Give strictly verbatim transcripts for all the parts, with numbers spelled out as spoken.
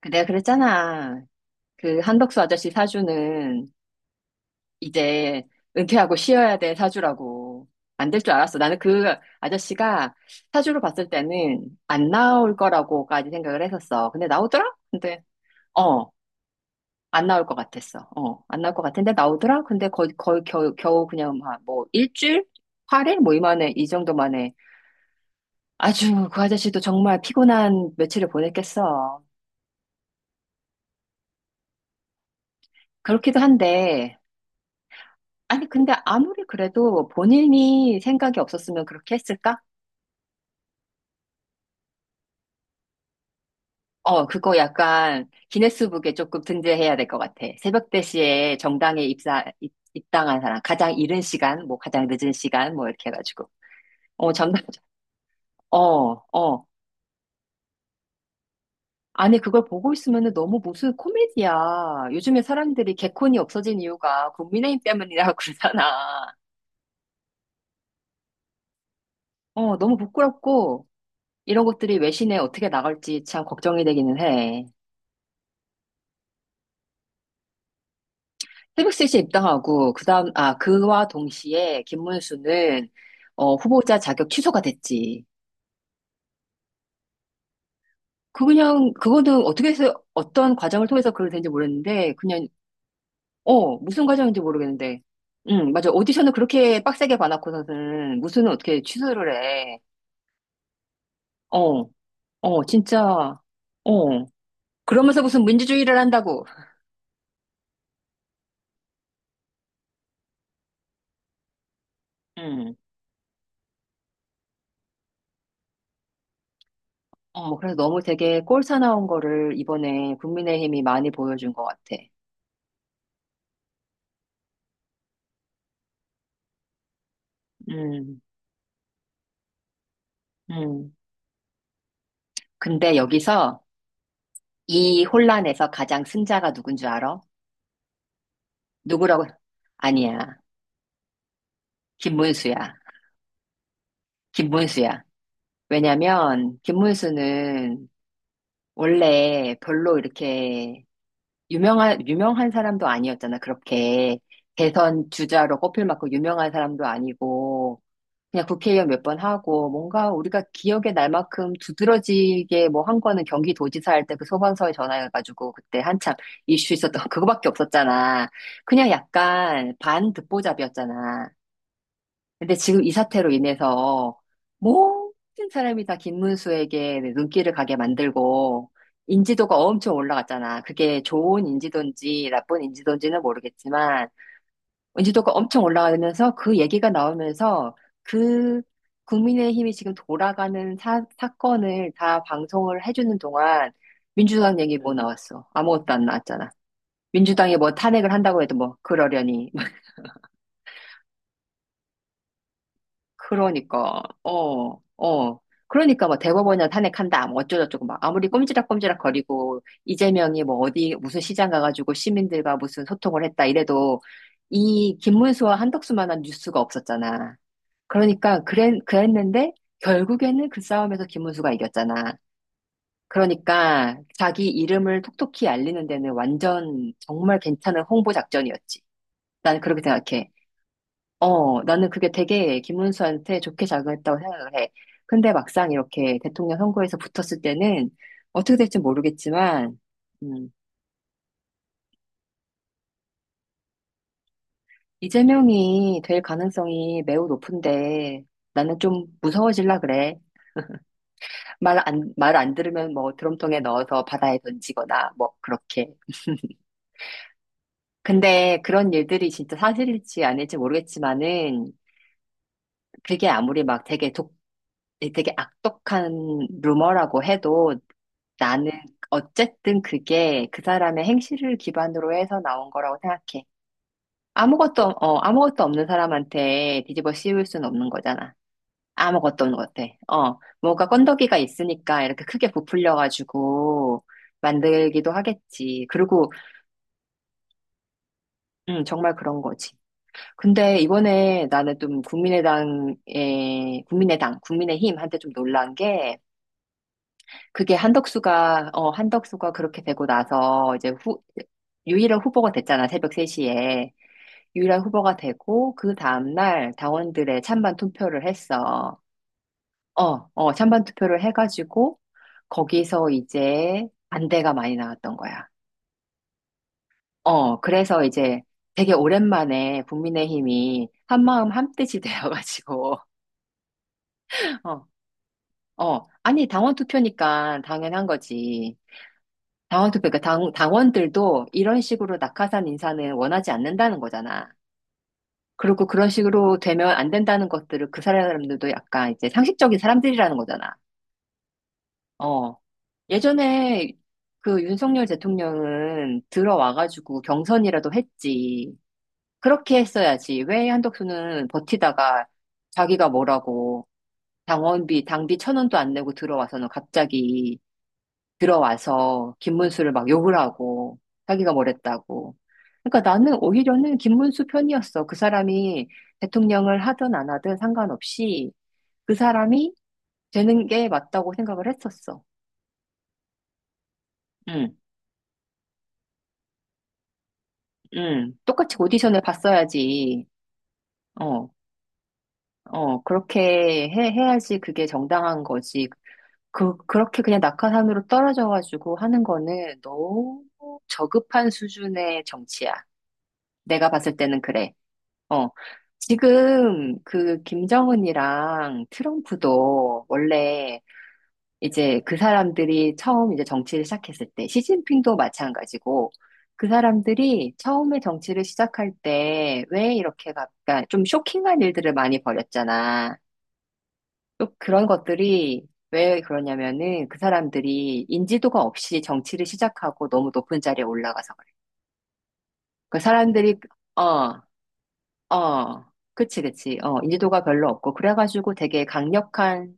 그 내가 그랬잖아. 그 한덕수 아저씨 사주는 이제 은퇴하고 쉬어야 돼 사주라고. 안 될 줄 알았어. 나는 그 아저씨가 사주로 봤을 때는 안 나올 거라고까지 생각을 했었어. 근데 나오더라? 근데, 어, 안 나올 것 같았어. 어, 안 나올 것 같은데 나오더라? 근데 거의, 거의 겨우, 겨우 그냥 막 뭐 일주일? 팔 일? 뭐 이만해, 이 정도 만에. 아주 그 아저씨도 정말 피곤한 며칠을 보냈겠어. 그렇기도 한데, 아니, 근데 아무리 그래도 본인이 생각이 없었으면 그렇게 했을까? 어, 그거 약간 기네스북에 조금 등재해야 될 것 같아. 새벽 네 시에 정당에 입사, 입, 입당한 사람. 가장 이른 시간, 뭐 가장 늦은 시간, 뭐 이렇게 해가지고. 어, 전담, 어, 어. 아니, 그걸 보고 있으면 너무 무슨 코미디야. 요즘에 사람들이 개콘이 없어진 이유가 국민의힘 때문이라고 그러잖아. 어, 너무 부끄럽고, 이런 것들이 외신에 어떻게 나갈지 참 걱정이 되기는 해. 새벽 세 시에 입당하고 그다음 아 그와 동시에 김문수는 어, 후보자 자격 취소가 됐지. 그 그냥 그거는 어떻게 해서 어떤 과정을 통해서 그걸 된지 모르겠는데 그냥 어 무슨 과정인지 모르겠는데 응 맞아 오디션을 그렇게 빡세게 봐놓고서는 무수는 어떻게 취소를 해. 어 어, 진짜 어 그러면서 무슨 민주주의를 한다고. 응. 어 그래서 너무 되게 꼴사나운 거를 이번에 국민의힘이 많이 보여준 것 같아. 음, 음. 근데 여기서 이 혼란에서 가장 승자가 누군 줄 알아? 누구라고? 아니야. 김문수야. 김문수야. 왜냐면 김문수는 원래 별로 이렇게 유명한 유명한 사람도 아니었잖아. 그렇게 대선 주자로 꼽힐 만큼 유명한 사람도 아니고 그냥 국회의원 몇 번 하고 뭔가 우리가 기억에 날 만큼 두드러지게 뭐 한 거는 경기도지사 할 때 그 소방서에 전화해가지고 그때 한참 이슈 있었던 그거밖에 없었잖아. 그냥 약간 반듣보잡이었잖아. 근데 지금 이 사태로 인해서 모든 사람이 다 김문수에게 눈길을 가게 만들고 인지도가 엄청 올라갔잖아. 그게 좋은 인지도인지 나쁜 인지도인지는 모르겠지만 인지도가 엄청 올라가면서 그 얘기가 나오면서 그 국민의힘이 지금 돌아가는 사, 사건을 다 방송을 해주는 동안 민주당 얘기 뭐 음. 나왔어? 아무것도 안 나왔잖아. 민주당이 뭐 탄핵을 한다고 해도 뭐 그러려니. 그러니까, 어, 어. 그러니까 뭐 대법원이나 탄핵한다, 뭐 어쩌고저쩌고 막 아무리 꼼지락꼼지락 거리고 이재명이 뭐 어디 무슨 시장 가가지고 시민들과 무슨 소통을 했다 이래도 이 김문수와 한덕수만한 뉴스가 없었잖아. 그러니까 그랬, 그랬는데 결국에는 그 싸움에서 김문수가 이겼잖아. 그러니까 자기 이름을 톡톡히 알리는 데는 완전 정말 괜찮은 홍보 작전이었지. 나는 그렇게 생각해. 어, 나는 그게 되게 김문수한테 좋게 작용했다고 생각을 해. 근데 막상 이렇게 대통령 선거에서 붙었을 때는 어떻게 될지 모르겠지만, 음, 이재명이 될 가능성이 매우 높은데 나는 좀 무서워질라 그래. 말 안, 말 안 들으면 뭐 드럼통에 넣어서 바다에 던지거나 뭐 그렇게. 근데 그런 일들이 진짜 사실일지 아닐지 모르겠지만은 그게 아무리 막 되게 독, 되게 악독한 루머라고 해도 나는 어쨌든 그게 그 사람의 행실을 기반으로 해서 나온 거라고 생각해. 아무것도, 어, 아무것도 없는 사람한테 뒤집어 씌울 수는 없는 거잖아. 아무것도 없는 것 같아. 어, 뭐가 건더기가 있으니까 이렇게 크게 부풀려가지고 만들기도 하겠지. 그리고, 음, 정말 그런 거지. 근데 이번에 나는 좀 국민의당에, 국민의당, 국민의힘한테 좀 놀란 게 그게 한덕수가, 어, 한덕수가 그렇게 되고 나서 이제 후, 유일한 후보가 됐잖아, 새벽 세 시에. 유일한 후보가 되고 그 다음날 당원들의 찬반 투표를 했어. 어, 어, 찬반 투표를 해가지고 거기서 이제 반대가 많이 나왔던 거야. 어, 그래서 이제 되게 오랜만에 국민의힘이 한마음 한뜻이 되어가지고, 어, 어, 아니, 당원 투표니까 당연한 거지. 당원 투표, 그러니까 당, 당원들도 이런 식으로 낙하산 인사는 원하지 않는다는 거잖아. 그리고 그런 식으로 되면 안 된다는 것들을 그 사람들도 약간 이제 상식적인 사람들이라는 거잖아. 어. 예전에 그 윤석열 대통령은 들어와가지고 경선이라도 했지. 그렇게 했어야지. 왜 한덕수는 버티다가 자기가 뭐라고 당원비, 당비 천 원도 안 내고 들어와서는 갑자기 들어와서 김문수를 막 욕을 하고 자기가 뭐랬다고. 그러니까 나는 오히려는 김문수 편이었어. 그 사람이 대통령을 하든 안 하든 상관없이 그 사람이 되는 게 맞다고 생각을 했었어. 응. 응, 똑같이 오디션을 봤어야지. 어, 어, 그렇게 해, 해야지 그게 정당한 거지. 그, 그렇게 그냥 낙하산으로 떨어져가지고 하는 거는 너무 저급한 수준의 정치야. 내가 봤을 때는 그래. 어. 지금 그 김정은이랑 트럼프도 원래 이제 그 사람들이 처음 이제 정치를 시작했을 때, 시진핑도 마찬가지고, 그 사람들이 처음에 정치를 시작할 때, 왜 이렇게, 가- 그러니까 좀 쇼킹한 일들을 많이 벌였잖아. 또 그런 것들이 왜 그러냐면은 그 사람들이 인지도가 없이 정치를 시작하고 너무 높은 자리에 올라가서 그래. 그 사람들이, 어, 어, 그치, 그치. 어, 인지도가 별로 없고, 그래가지고 되게 강력한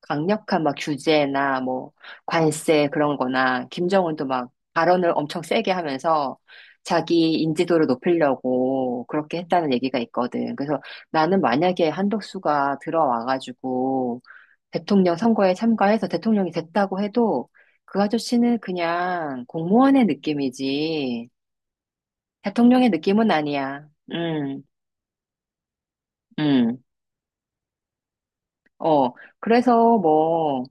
강력한 막 규제나 뭐 관세 그런 거나 김정은도 막 발언을 엄청 세게 하면서 자기 인지도를 높이려고 그렇게 했다는 얘기가 있거든. 그래서 나는 만약에 한덕수가 들어와가지고 대통령 선거에 참가해서 대통령이 됐다고 해도 그 아저씨는 그냥 공무원의 느낌이지 대통령의 느낌은 아니야. 음, 음. 어, 그래서 뭐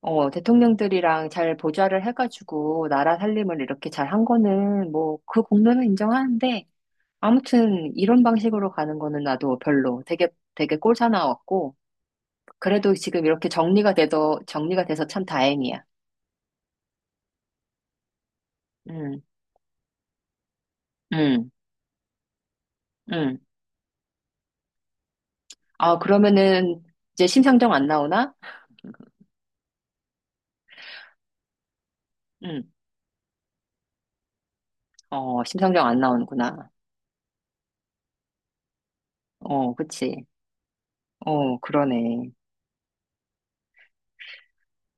어, 대통령들이랑 잘 보좌를 해가지고 나라 살림을 이렇게 잘 한 거는 뭐 그 공로는 인정하는데 아무튼 이런 방식으로 가는 거는 나도 별로 되게 되게 꼴사나웠고 그래도 지금 이렇게 정리가 돼서 정리가 돼서 참 다행이야. 음, 음, 음. 아, 그러면은 이제 심상정 안 나오나? 음, 어, 심상정 안 나오는구나. 어, 그치. 어, 그러네.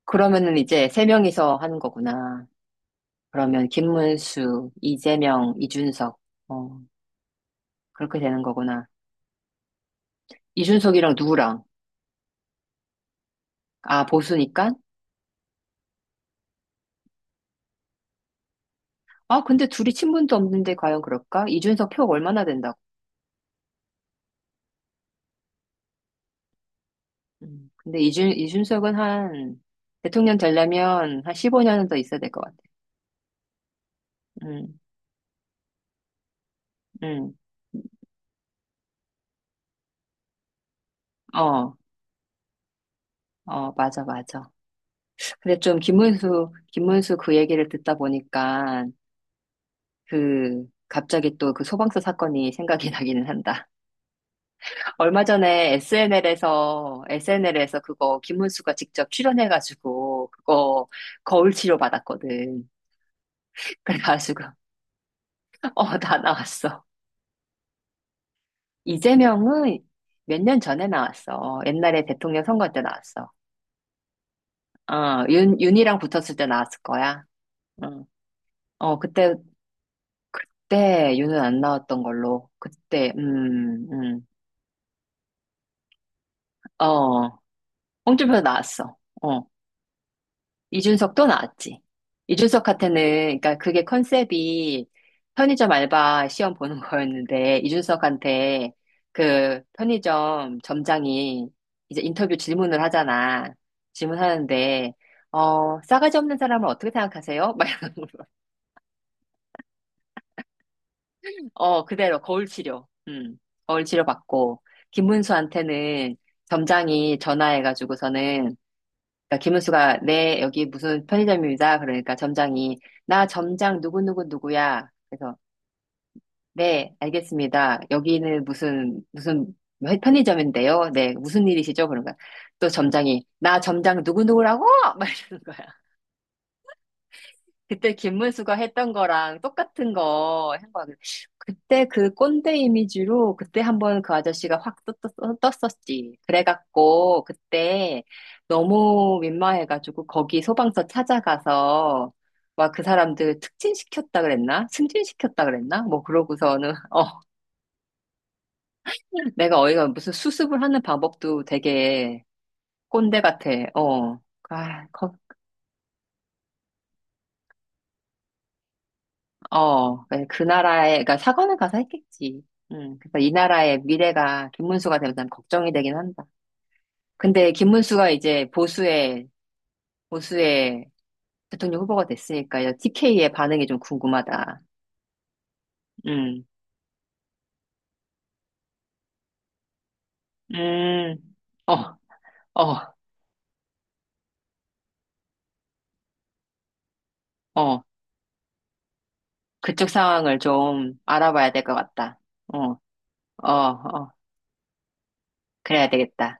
그러면은 이제 세 명이서 하는 거구나. 그러면 김문수, 이재명, 이준석. 어, 그렇게 되는 거구나. 이준석이랑 누구랑? 아, 보수니까? 아, 근데 둘이 친분도 없는데 과연 그럴까? 이준석 표가 얼마나 된다고? 음, 근데 이준, 이준석은 한, 대통령 되려면 한 십오 년은 더 있어야 될 것 같아. 음, 음. 어, 어, 맞아, 맞아. 근데 좀 김문수, 김문수 그 얘기를 듣다 보니까 그 갑자기 또 그 소방서 사건이 생각이 나기는 한다. 얼마 전에 에스엔엘에서 에스엔엘에서 그거 김문수가 직접 출연해가지고, 그거 거울 치료 받았거든. 그래가지고, 어, 다 나왔어. 이재명은 몇 년 전에 나왔어. 옛날에 대통령 선거 때 나왔어. 어, 윤, 윤이랑 붙었을 때 나왔을 거야. 응. 어, 그때, 그때 윤은 안 나왔던 걸로. 그때, 음, 음. 어, 홍준표 나왔어. 어. 이준석도 나왔지. 이준석한테는, 그러니까 그게 컨셉이 편의점 알바 시험 보는 거였는데, 이준석한테 그 편의점 점장이 이제 인터뷰 질문을 하잖아. 질문하는데, 어, 싸가지 없는 사람을 어떻게 생각하세요? 막 이런 거. 어, 그대로 거울 치료. 음, 거울 치료 받고, 김문수한테는 점장이 전화해가지고서는 그러니까 김은수가 네 여기 무슨 편의점입니다. 그러니까 점장이 나 점장 누구누구 누구야. 그래서 네 알겠습니다. 여기는 무슨 무슨 편의점인데요. 네 무슨 일이시죠? 그런 거야. 또 점장이 나 점장 누구누구라고 막 이러는 거야. 그때 김문수가 했던 거랑 똑같은 거 한 거야. 그때 그 꼰대 이미지로 그때 한번 그 아저씨가 확 떴, 떴, 떴었지. 그래갖고 그때 너무 민망해가지고 거기 소방서 찾아가서 막 그 사람들 특진시켰다 그랬나? 승진시켰다 그랬나? 뭐 그러고서는 어 내가 어이가 무슨 수습을 하는 방법도 되게 꼰대 같아. 어. 아, 어, 네, 그 나라에, 그러니까 사관을 가서 했겠지. 음, 그래서 이 나라의 미래가 김문수가 되면 난 걱정이 되긴 한다. 근데 김문수가 이제 보수의, 보수의 대통령 후보가 됐으니까 이제 티케이의 반응이 좀 궁금하다. 음, 음, 어, 어, 어. 그쪽 상황을 좀 알아봐야 될 것 같다. 어, 어, 어. 그래야 되겠다.